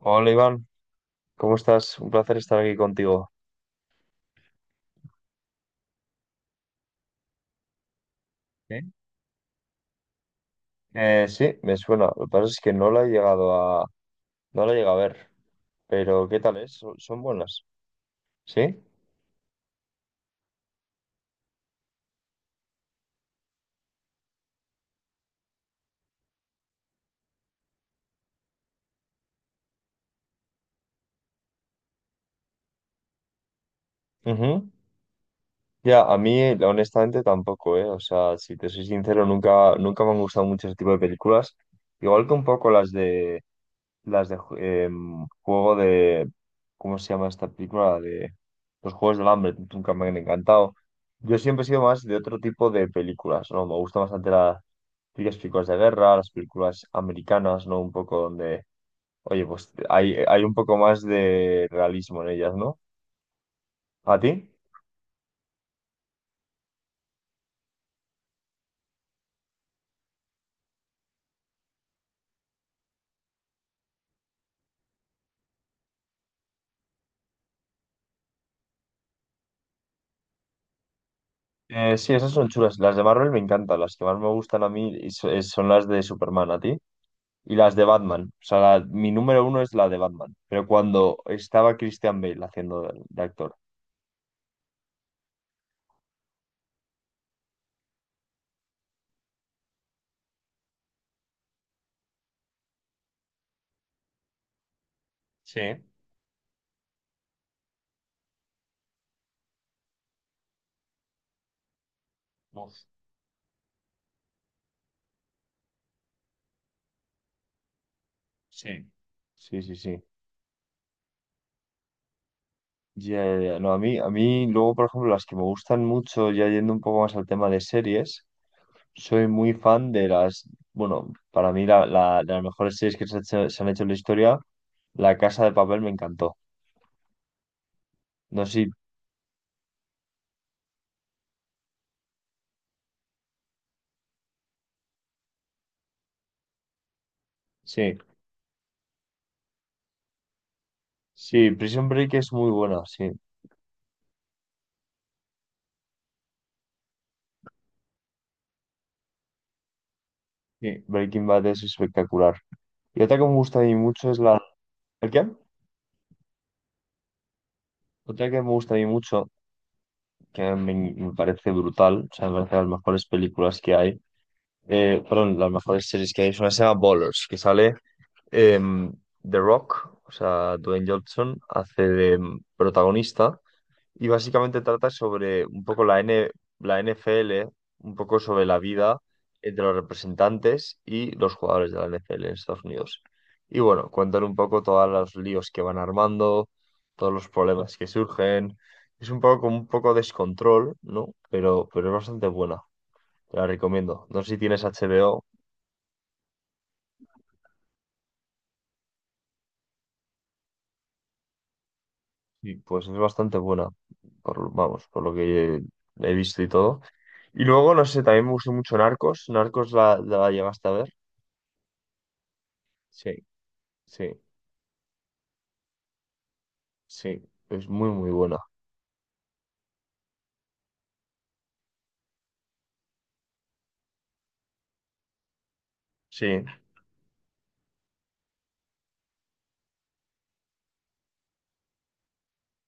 Hola Iván, ¿cómo estás? Un placer estar aquí contigo. ¿Eh? Sí, me suena. Lo que pasa es que no la he llegado a, no la he llegado a ver, pero ¿qué tal es? ¿Son buenas? ¿Sí? Ujú. Ya, a mí honestamente tampoco, ¿eh? O sea, si te soy sincero, nunca, nunca me han gustado mucho ese tipo de películas. Igual que un poco las de juego de ¿cómo se llama esta película? La de los Juegos del Hambre, nunca me han encantado. Yo siempre he sido más de otro tipo de películas, ¿no? Me gustan bastante las películas de guerra, las películas americanas, ¿no? Un poco donde, oye, pues hay un poco más de realismo en ellas, ¿no? ¿A ti? Sí, esas son chulas. Las de Marvel me encantan. Las que más me gustan a mí son las de Superman, ¿a ti? Y las de Batman. O sea, mi número uno es la de Batman. Pero cuando estaba Christian Bale haciendo de actor. Sí, uf, sí. Sí, sí, sí. Ya, ya, ya. No, a mí, luego, por ejemplo, las que me gustan mucho, ya yendo un poco más al tema de series, soy muy fan de bueno, para mí de las mejores series que se han hecho en la historia, La Casa de Papel me encantó. No sé, si- sí. Sí, Prison Break es muy buena, sí. Sí, Breaking Bad es espectacular. Y otra que me gusta a mí mucho es la... ¿El qué? Otra que me gusta a mí mucho, me parece brutal, o sea, me parece de las mejores películas que hay, perdón, las mejores series que hay, es una que se llama Ballers, que sale em, The Rock, o sea, Dwayne Johnson, hace de protagonista. Y básicamente trata sobre un poco la NFL, un poco sobre la vida entre los representantes y los jugadores de la NFL en Estados Unidos. Y bueno, cuentan un poco todos los líos que van armando, todos los problemas que surgen. Es un poco como un poco descontrol, ¿no? Pero es bastante buena. Te la recomiendo. No sé si tienes HBO, y pues es bastante buena. Por, vamos, por lo que he visto y todo. Y luego, no sé, también me gustó mucho Narcos. Narcos la llegaste a ver. Sí, sí, sí. Es muy, muy buena. Sí,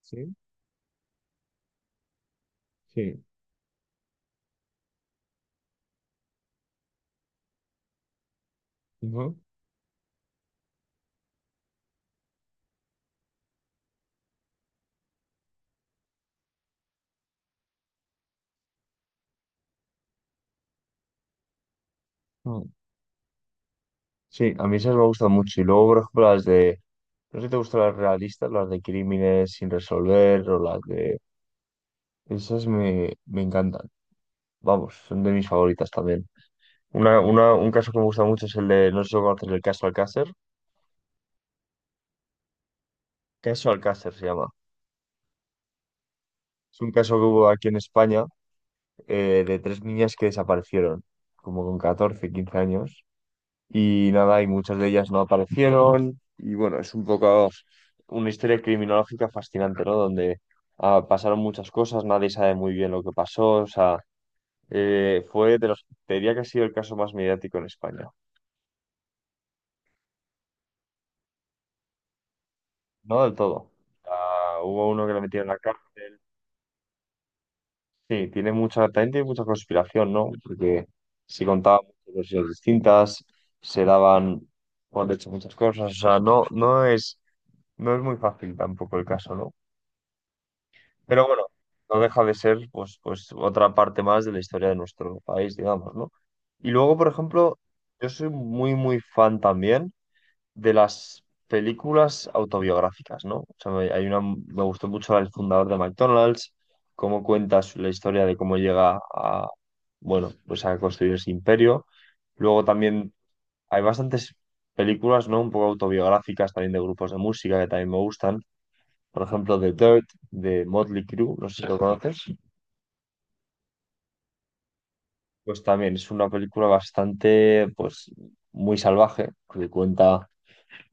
sí, sí. Ujú. Mm, sí, a mí esas me gustan mucho. Y luego, por ejemplo, las de. No sé si te gustan las realistas, las de crímenes sin resolver o las de. Esas me encantan. Vamos, son de mis favoritas también. Un caso que me gusta mucho es el de. No sé si lo conoces, el caso Alcácer. Caso Alcácer se llama. Es un caso que hubo aquí en España de tres niñas que desaparecieron, como con 14 15 años. Y nada, y muchas de ellas no aparecieron. Y bueno, es un poco una historia criminológica fascinante, ¿no? Donde pasaron muchas cosas, nadie sabe muy bien lo que pasó, o sea, fue de los, te diría que ha sido el caso más mediático en España, no del todo. Ah, hubo uno que lo metieron en la cárcel. Sí, tiene mucha, también tiene mucha conspiración, ¿no? Porque se contaban muchas versiones distintas, se daban por hecho muchas cosas, o sea, no es, no es muy fácil tampoco el caso, ¿no? Pero bueno, no deja de ser pues otra parte más de la historia de nuestro país, digamos, ¿no? Y luego, por ejemplo, yo soy muy, muy fan también de las películas autobiográficas, ¿no? O sea, hay una, me gustó mucho la del fundador de McDonald's, cómo cuenta la historia de cómo llega a, bueno, pues a construir ese imperio. Luego también hay bastantes películas, ¿no? Un poco autobiográficas también de grupos de música que también me gustan, por ejemplo, The Dirt de Motley Crue, no sé si lo conoces, pues también es una película bastante, pues, muy salvaje, que cuenta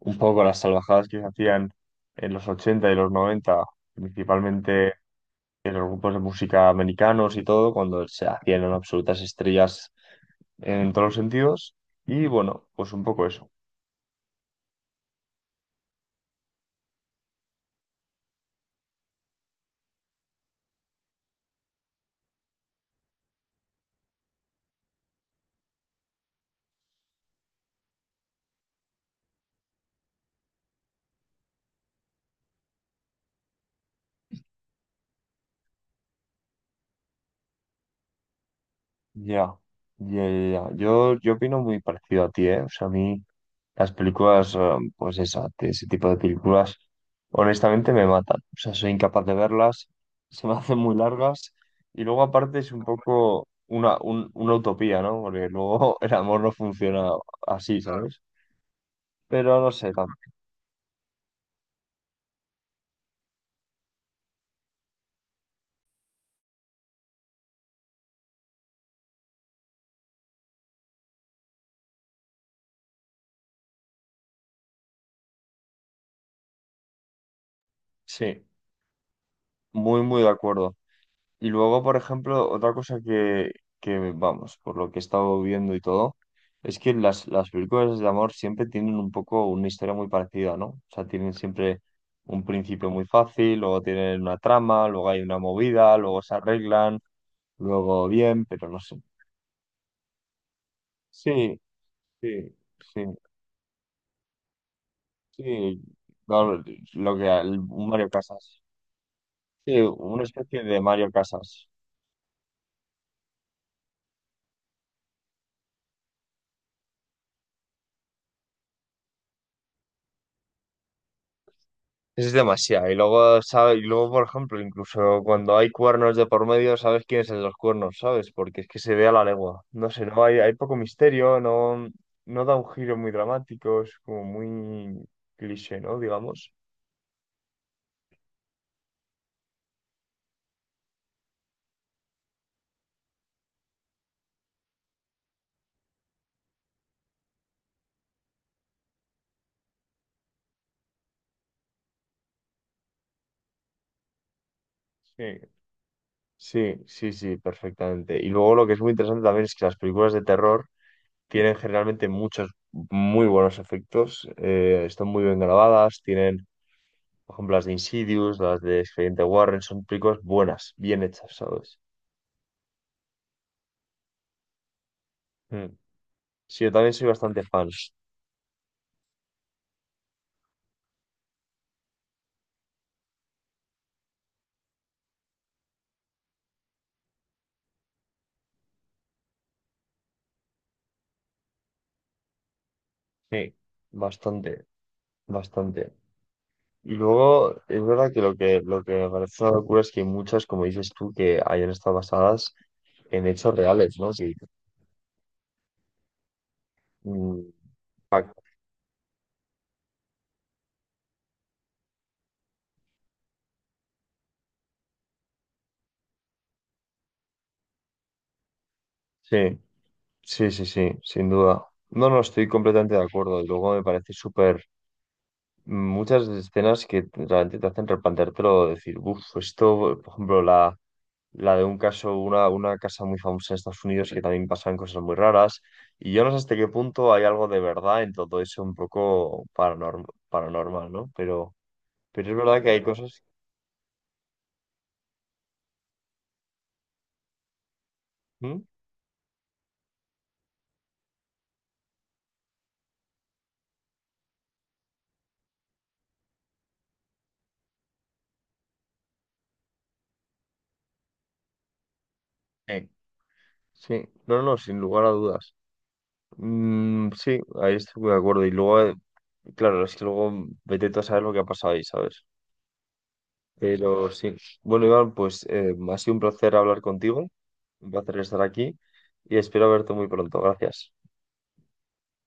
un poco las salvajadas que se hacían en los 80 y los 90 principalmente en los grupos de música americanos y todo, cuando se hacían unas absolutas estrellas en todos los sentidos. Y bueno, pues un poco eso. Ya, ya, ya, ya. Yo opino muy parecido a ti, ¿eh? O sea, a mí las películas, pues esa, de ese tipo de películas, honestamente me matan. O sea, soy incapaz de verlas, se me hacen muy largas, y luego aparte es un poco una utopía, ¿no? Porque luego el amor no funciona así, ¿sabes? Pero no sé, sí, muy, muy de acuerdo. Y luego, por ejemplo, otra cosa que, vamos, por lo que he estado viendo y todo, es que las películas de amor siempre tienen un poco una historia muy parecida, ¿no? O sea, tienen siempre un principio muy fácil, luego tienen una trama, luego hay una movida, luego se arreglan, luego bien, pero no sé. Sí, sí, sí, sí. No, un Mario Casas. Sí, una especie de Mario Casas. Es demasiado. Y luego, por ejemplo, incluso cuando hay cuernos de por medio, sabes quién es el de los cuernos, ¿sabes? Porque es que se ve a la legua. No sé, no hay, hay poco misterio, no da un giro muy dramático, es como muy cliché, ¿no? Digamos. Sí. Sí, sí, sí, perfectamente. Y luego lo que es muy interesante también es que las películas de terror tienen generalmente muchos muy buenos efectos, están muy bien grabadas, tienen, por ejemplo, las de Insidious, las de Expediente Warren, son películas buenas, bien hechas, ¿sabes? Mm. Sí, yo también soy bastante fan. Sí. Bastante, bastante. Y luego, es verdad que lo que me parece una locura es que hay muchas, como dices tú, que hayan estado basadas en hechos reales, ¿no? Sí, mm, pa- sí, sí, sí, sí, sin duda. No, no, estoy completamente de acuerdo. Y luego me parece súper... Muchas escenas que realmente te hacen replanteártelo, decir, uff, esto, por ejemplo, la de un caso, una casa muy famosa en Estados Unidos que también pasan cosas muy raras. Y yo no sé hasta qué punto hay algo de verdad en todo eso un poco paranormal, ¿no? Pero es verdad que hay cosas. ¿Mm? Eh, Sí, no, no, sin lugar a dudas. Mm, sí, ahí estoy muy de acuerdo. Y luego, claro, es que luego vete tú a saber lo que ha pasado ahí, ¿sabes? Pero sí. Bueno, Iván, pues ha sido un placer hablar contigo, un placer estar aquí y espero verte muy pronto. Gracias.